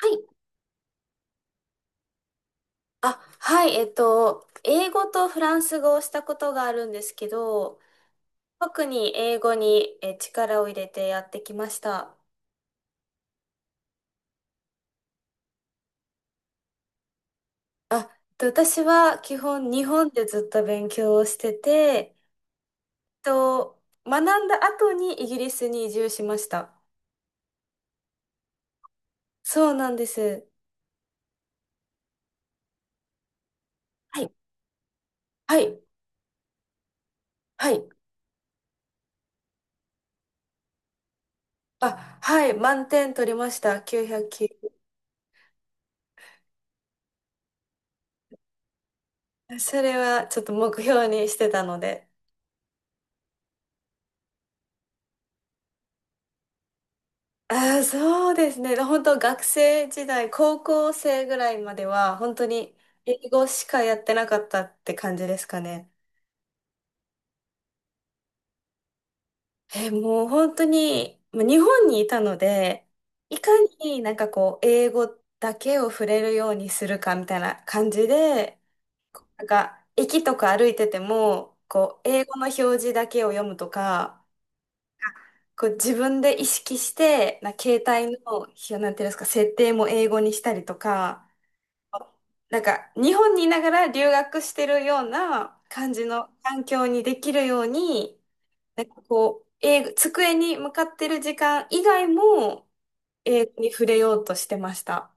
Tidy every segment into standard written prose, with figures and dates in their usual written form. はいはい、英語とフランス語をしたことがあるんですけど、特に英語に力を入れてやってきました。あ、え私は基本日本でずっと勉強をしてて、と、学んだ後にイギリスに移住しました。そうなんです。はい、はい、はい。あ、はい、満点取りました。990。それはちょっと目標にしてたので。あー、そうですね。本当学生時代、高校生ぐらいまでは、本当に英語しかやってなかったって感じですかね。えー、もう本当に、まあ日本にいたので、いかにこう、英語だけを触れるようにするかみたいな感じで、なんか、駅とか歩いてても、こう、英語の表示だけを読むとか、こう自分で意識して、携帯の、なんていうんですか、設定も英語にしたりとか、なんか日本にいながら留学してるような感じの環境にできるように、なんかこう、英語、机に向かってる時間以外も英語に触れようとしてました。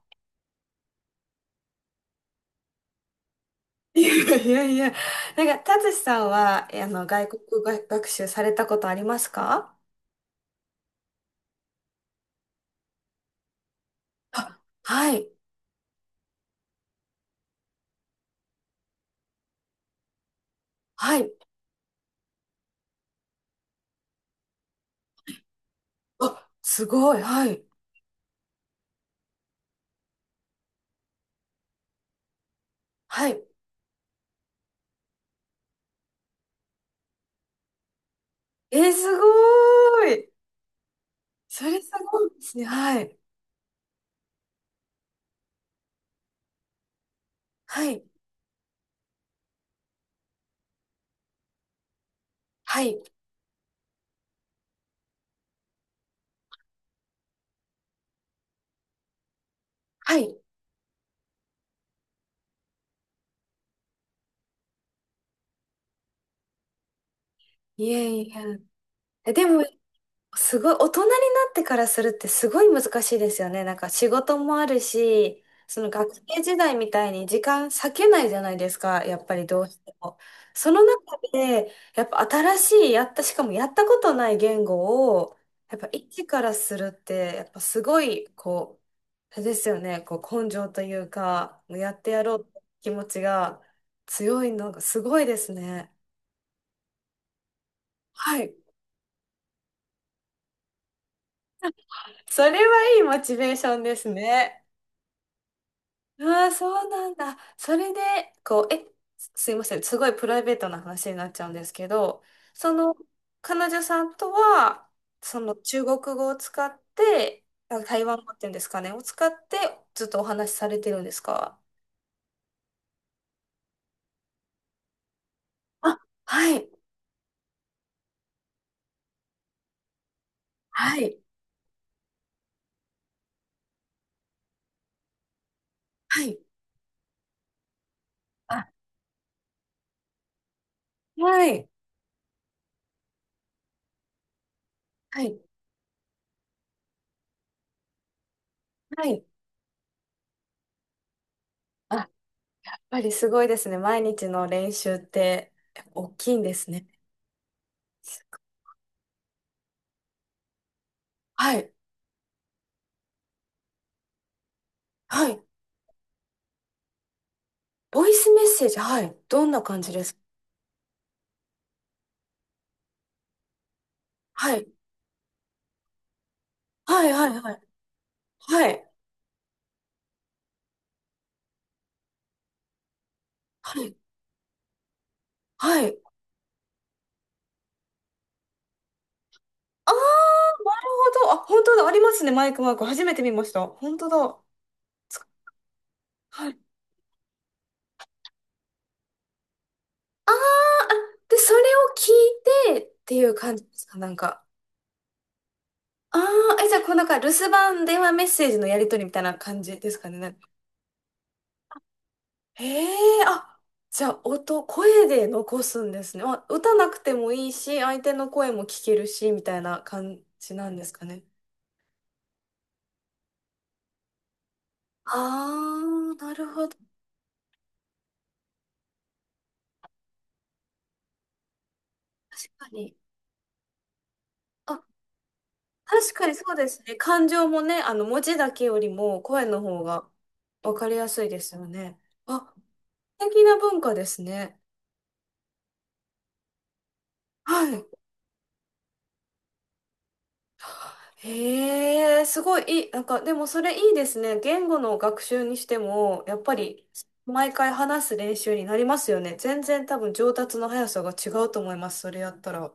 いやいやいや、なんか、たつしさんは、あの、外国語学習されたことありますか？あ、はい、はい。あ、すごい、はい、はい。えー、すごーい。それすごいですね。はい、はい、はい、はい。いえいえ。え、でも、すごい、大人になってからするってすごい難しいですよね。なんか仕事もあるし、その学生時代みたいに時間割けないじゃないですか、やっぱりどうしても。その中で、やっぱ新しい、やった、しかもやったことない言語を、やっぱ一からするって、やっぱすごい、こう、あれですよね、こう根性というか、やってやろうって気持ちが強いのがすごいですね。はい。それはいいモチベーションですね。ああ、そうなんだ。それで、こう、え、すいません。すごいプライベートな話になっちゃうんですけど、その、彼女さんとは、その中国語を使って、あ、台湾語っていうんですかね、を使って、ずっとお話しされてるんですか？あ、はい、はい、はい、あ、はい、はい、はい。あ、やっぱりすごいですね。毎日の練習って、やっぱ大きいんですね。はい、はい。ボイスメッセージ、はい。どんな感じですか？はいはいはい。はい。はい。はい。ああ、なるほど。あ、本当だ。ありますね。マイクマーク。初めて見ました。本当だ。つはい。あーあ、で、それを聞いてっていう感じですかなんか。ああ、え、じゃあ、こうなんか、留守番電話メッセージのやり取りみたいな感じですかね。なんかへえ、あ、じゃあ、声で残すんですね。あ、歌なくてもいいし、相手の声も聞けるし、みたいな感じなんですかね。ああ、なるほど。確かに。あ確かにそうですね。感情もね、あの、文字だけよりも声の方がわかりやすいですよね。あ、素敵な文化ですね。はい。へえ、すごいいい。なんか、でもそれいいですね。言語の学習にしても、やっぱり、毎回話す練習になりますよね。全然多分上達の速さが違うと思います。それやったら。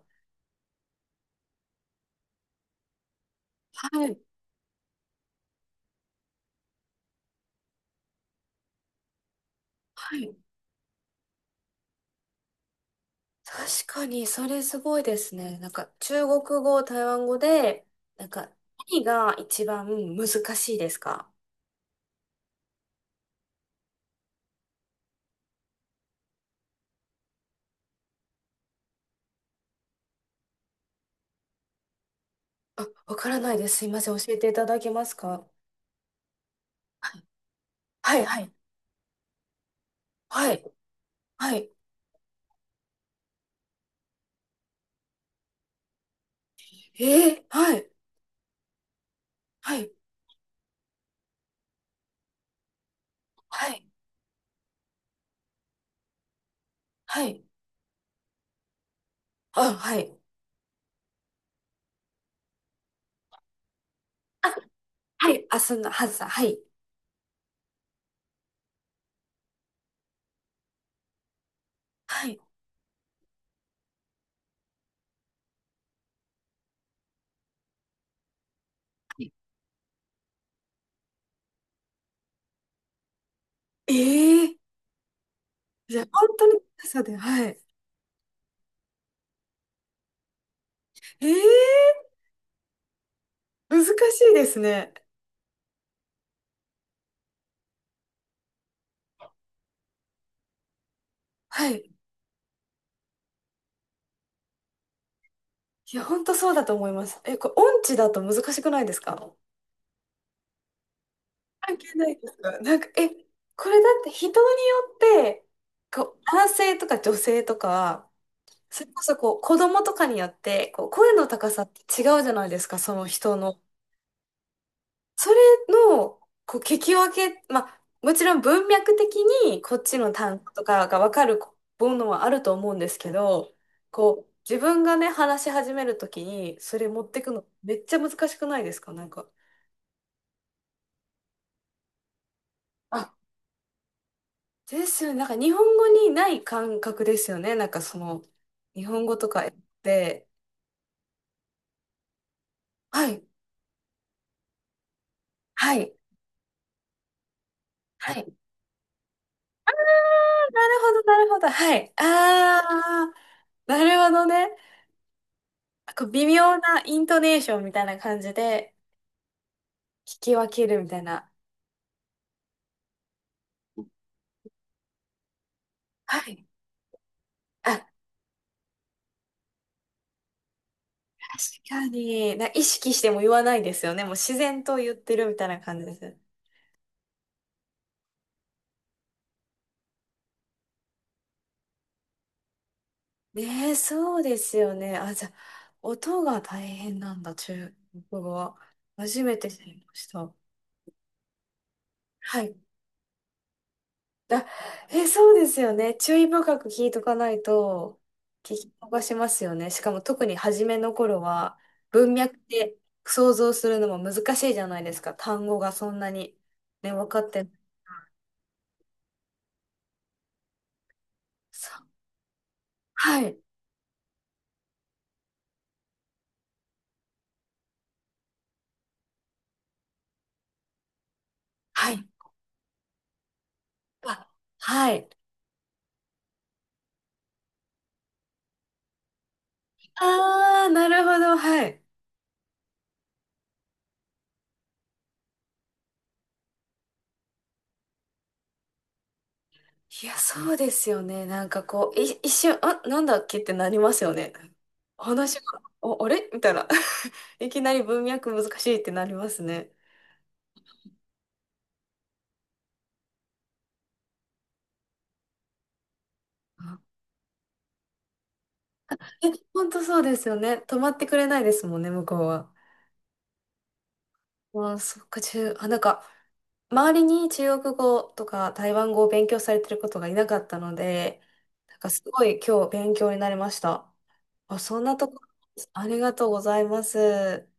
はい。はい、確かに、それすごいですね。なんか、中国語、台湾語で、なんか、何が一番難しいですか？あ、わからないです。すいません。教えていただけますか？はい、はい、はい、はい。えー、はい、はい、はい、はい。あ、はい。あ、はい。あ、そんな、はずさ、はい。はい。えー、じゃあ、本当に、そうで、はい。えー、難しいですね。はい。いや、本当そうだと思います。え、これ、音痴だと難しくないですか？関係ないですかなんか、え、これだって人によって、こう、男性とか女性とか、それこそこう、子供とかによって、こう、声の高さって違うじゃないですか、その人の。それの、こう、聞き分け、まあ、もちろん文脈的にこっちの単語とかが分かるものはあると思うんですけど、こう、自分がね、話し始めるときに、それ持ってくのめっちゃ難しくないですかなんか。あですよね。なんか日本語にない感覚ですよね。なんかその、日本語とかで、はい、はい、はい。なるほど、なるほど、はい。あー、なるほどね。なんか微妙なイントネーションみたいな感じで聞き分けるみたいな。はい。あ、確かに。意識しても言わないですよね。もう自然と言ってるみたいな感じです。ねえ、そうですよね。あ、じゃあ、音が大変なんだ、中国語は。初めて知りました。はい。あ、え、そうですよね。注意深く聞いとかないと、聞き逃しますよね。しかも特に初めの頃は、文脈で想像するのも難しいじゃないですか。単語がそんなに、ね、分かってない。そう。はい。はい。あ、はい。あー、なるほど。はい。いや、そうですよね。なんかこう、一瞬、あ、なんだっけってなりますよね。話が、お、あれみたいな。いきなり文脈難しいってなりますね。え、本当そうですよね。止まってくれないですもんね、向こうは。ああ、そっか、あ、なんか、周りに中国語とか台湾語を勉強されてることがいなかったので、なんかすごい今日勉強になりました。あ、そんなとこ、ありがとうございます。